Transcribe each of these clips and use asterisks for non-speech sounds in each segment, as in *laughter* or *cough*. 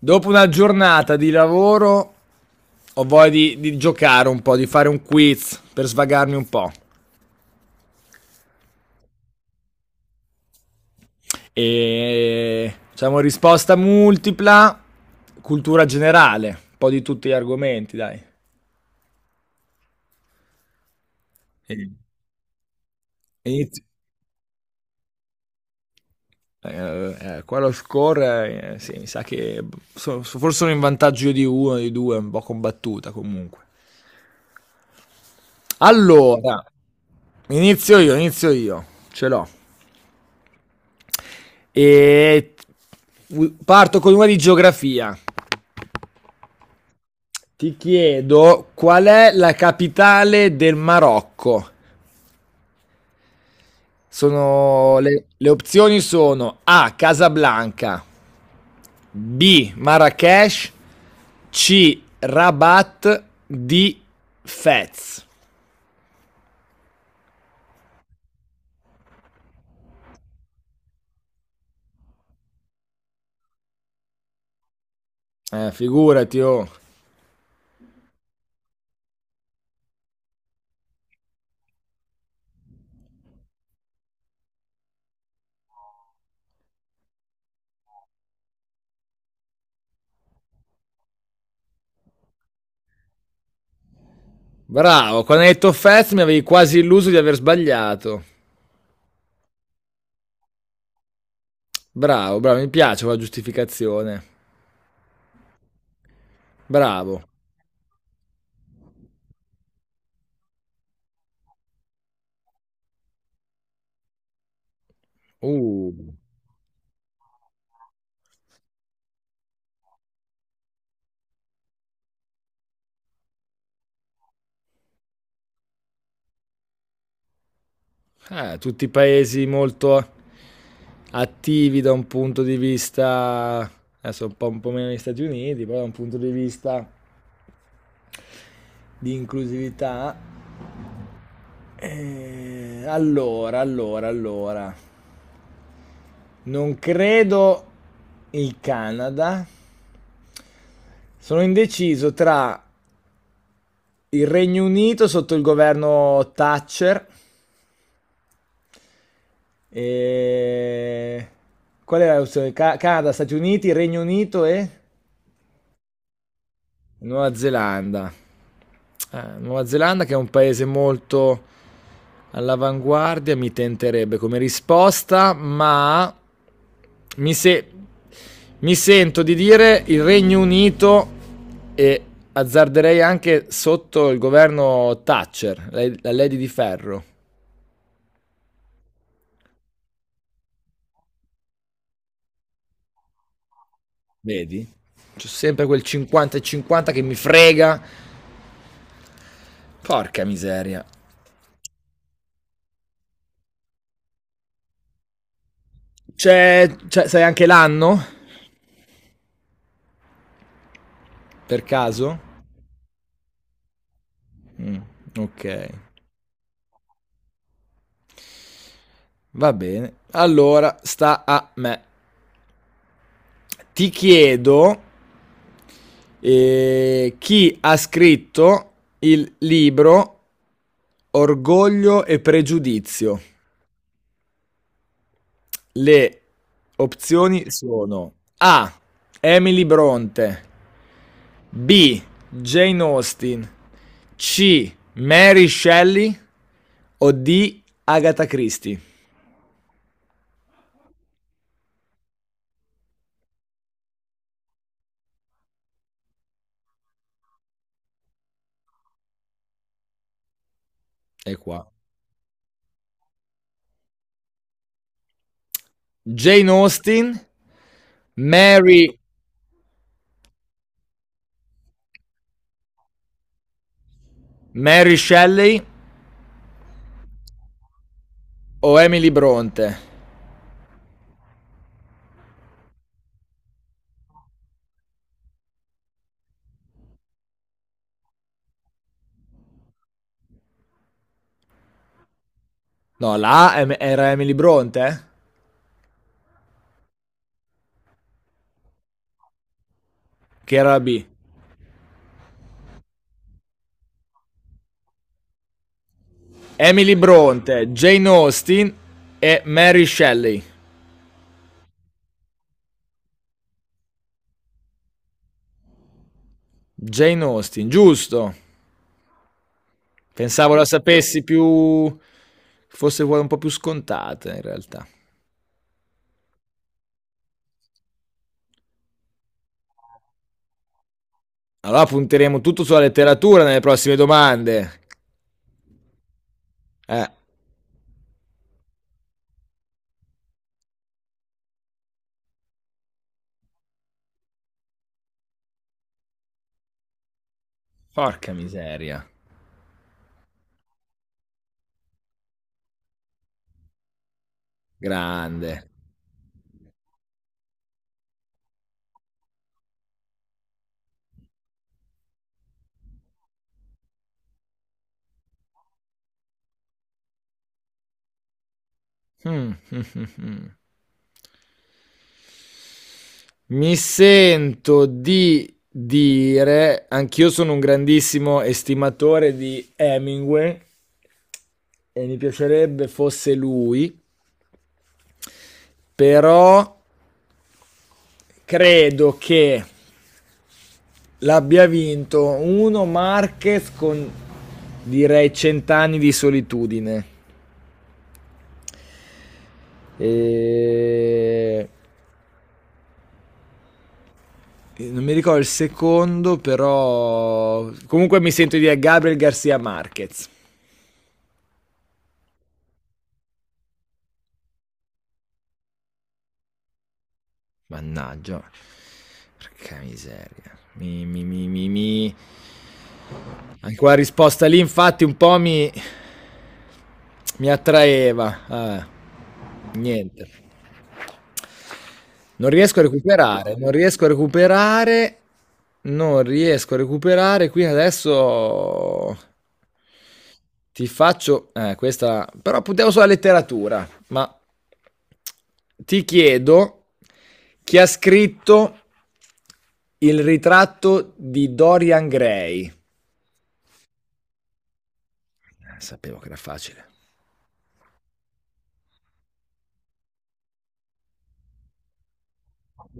Dopo una giornata di lavoro ho voglia di giocare un po', di fare un quiz per svagarmi un po'. E diciamo risposta multipla, cultura generale, un po' di tutti gli argomenti, dai. E- e inizio- Qua lo score, sì, mi sa che forse sono in vantaggio io di uno, di due, un po' combattuta comunque. Allora, inizio io, ce l'ho. E parto con una di geografia. Ti chiedo qual è la capitale del Marocco? Le opzioni sono A. Casablanca, B. Marrakesh, C. Rabat, D. Fez. Figurati, oh. Bravo, quando hai detto Fez mi avevi quasi illuso di aver sbagliato. Bravo, bravo, mi piace quella giustificazione. Bravo. Uh. Tutti paesi molto attivi da un punto di vista, adesso un po' meno gli Stati Uniti, però da un punto di vista di inclusività. Allora, non credo il Canada. Sono indeciso tra il Regno Unito sotto il governo Thatcher e... Qual era l'opzione? Canada, Stati Uniti, Regno Unito e... Nuova Zelanda. Nuova Zelanda che è un paese molto all'avanguardia, mi tenterebbe come risposta, ma mi, se- mi sento di dire il Regno Unito e azzarderei anche sotto il governo Thatcher, la Lady di Ferro. Vedi? C'è sempre quel 50 e 50 che mi frega. Porca miseria. Sai anche l'anno? Per caso? Mm, ok, va bene. Allora sta a me. Ti chiedo chi ha scritto il libro Orgoglio e Pregiudizio. Le opzioni sono A. Emily Bronte, B. Jane Austen, C. Mary Shelley o D. Agatha Christie. E qua. Jane Austen, Mary Mary Shelley o Emily Bronte? No, la A era Emily Bronte? Eh? Che era la B? Emily Bronte, Jane Austen e Mary Shelley. Jane Austen, giusto. Pensavo la sapessi più... fosse quella un po' più scontata in realtà. Allora punteremo tutto sulla letteratura nelle prossime domande. Eh, porca miseria. Grande. Hmm, hmm, hmm, hmm. *laughs* Mi sento di dire, anch'io sono un grandissimo estimatore di Hemingway e mi piacerebbe fosse lui, però credo che l'abbia vinto uno Marquez con direi cent'anni di solitudine. E... Non mi ricordo il secondo, però comunque mi sento di dire Gabriel Garcia Marquez. Mannaggia. Porca miseria. Mi. Anche quella risposta lì, infatti, mi attraeva. Vabbè. Niente. Non riesco a recuperare. Non riesco a recuperare. Non riesco a recuperare. Qui adesso ti faccio. Questa. Però puntiamo sulla letteratura. Ma ti chiedo chi ha scritto il ritratto di Dorian Gray. Sapevo che era facile.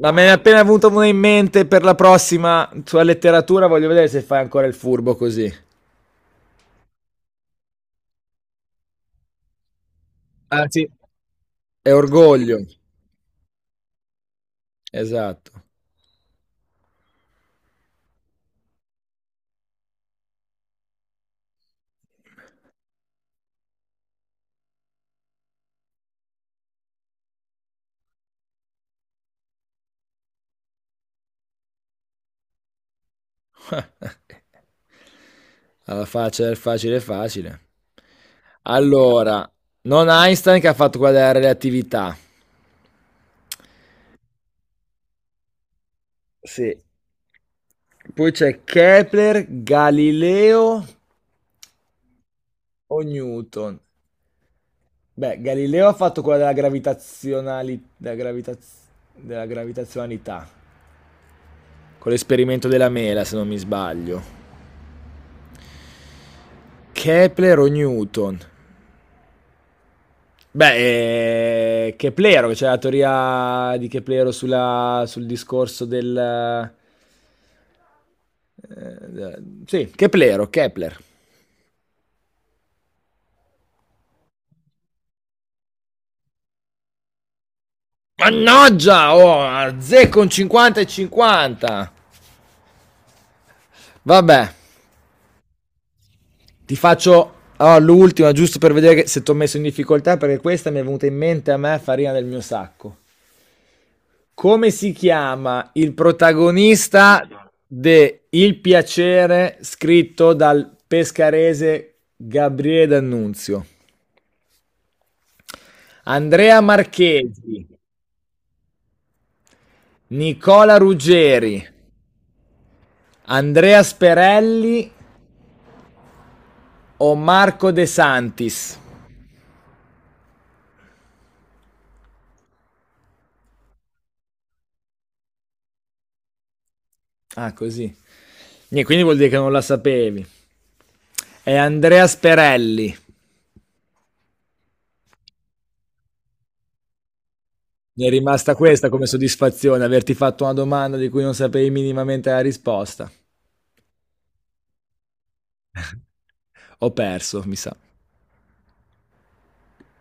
Ma me ne è appena venuto uno in mente per la prossima sulla letteratura. Voglio vedere se fai ancora il furbo così. Ah, sì. È orgoglio. Esatto. *laughs* Alla faccia del facile facile. Allora, non Einstein che ha fatto quella della relatività. Sì. Poi c'è Kepler, Galileo o Newton. Beh, Galileo ha fatto quella della gravitazionalità. Della gravitazionalità con l'esperimento della mela, se non mi sbaglio. Kepler o Newton? Beh, Keplero, c'è cioè la teoria di Keplero sul discorso del... eh, sì, Keplero, Kepler. Mannaggia, oh, azzecco un 50 e 50. Vabbè, ti faccio oh, l'ultima giusto per vedere se ti ho messo in difficoltà perché questa mi è venuta in mente a me farina del mio sacco. Come si chiama il protagonista de Il piacere scritto dal pescarese Gabriele D'Annunzio? Andrea Marchesi, Nicola Ruggeri, Andrea Sperelli o Marco De Santis? Ah, così. Niente, quindi vuol dire che non la sapevi. È Andrea Sperelli. Mi è rimasta questa come soddisfazione, averti fatto una domanda di cui non sapevi minimamente la risposta. Ho perso, mi sa.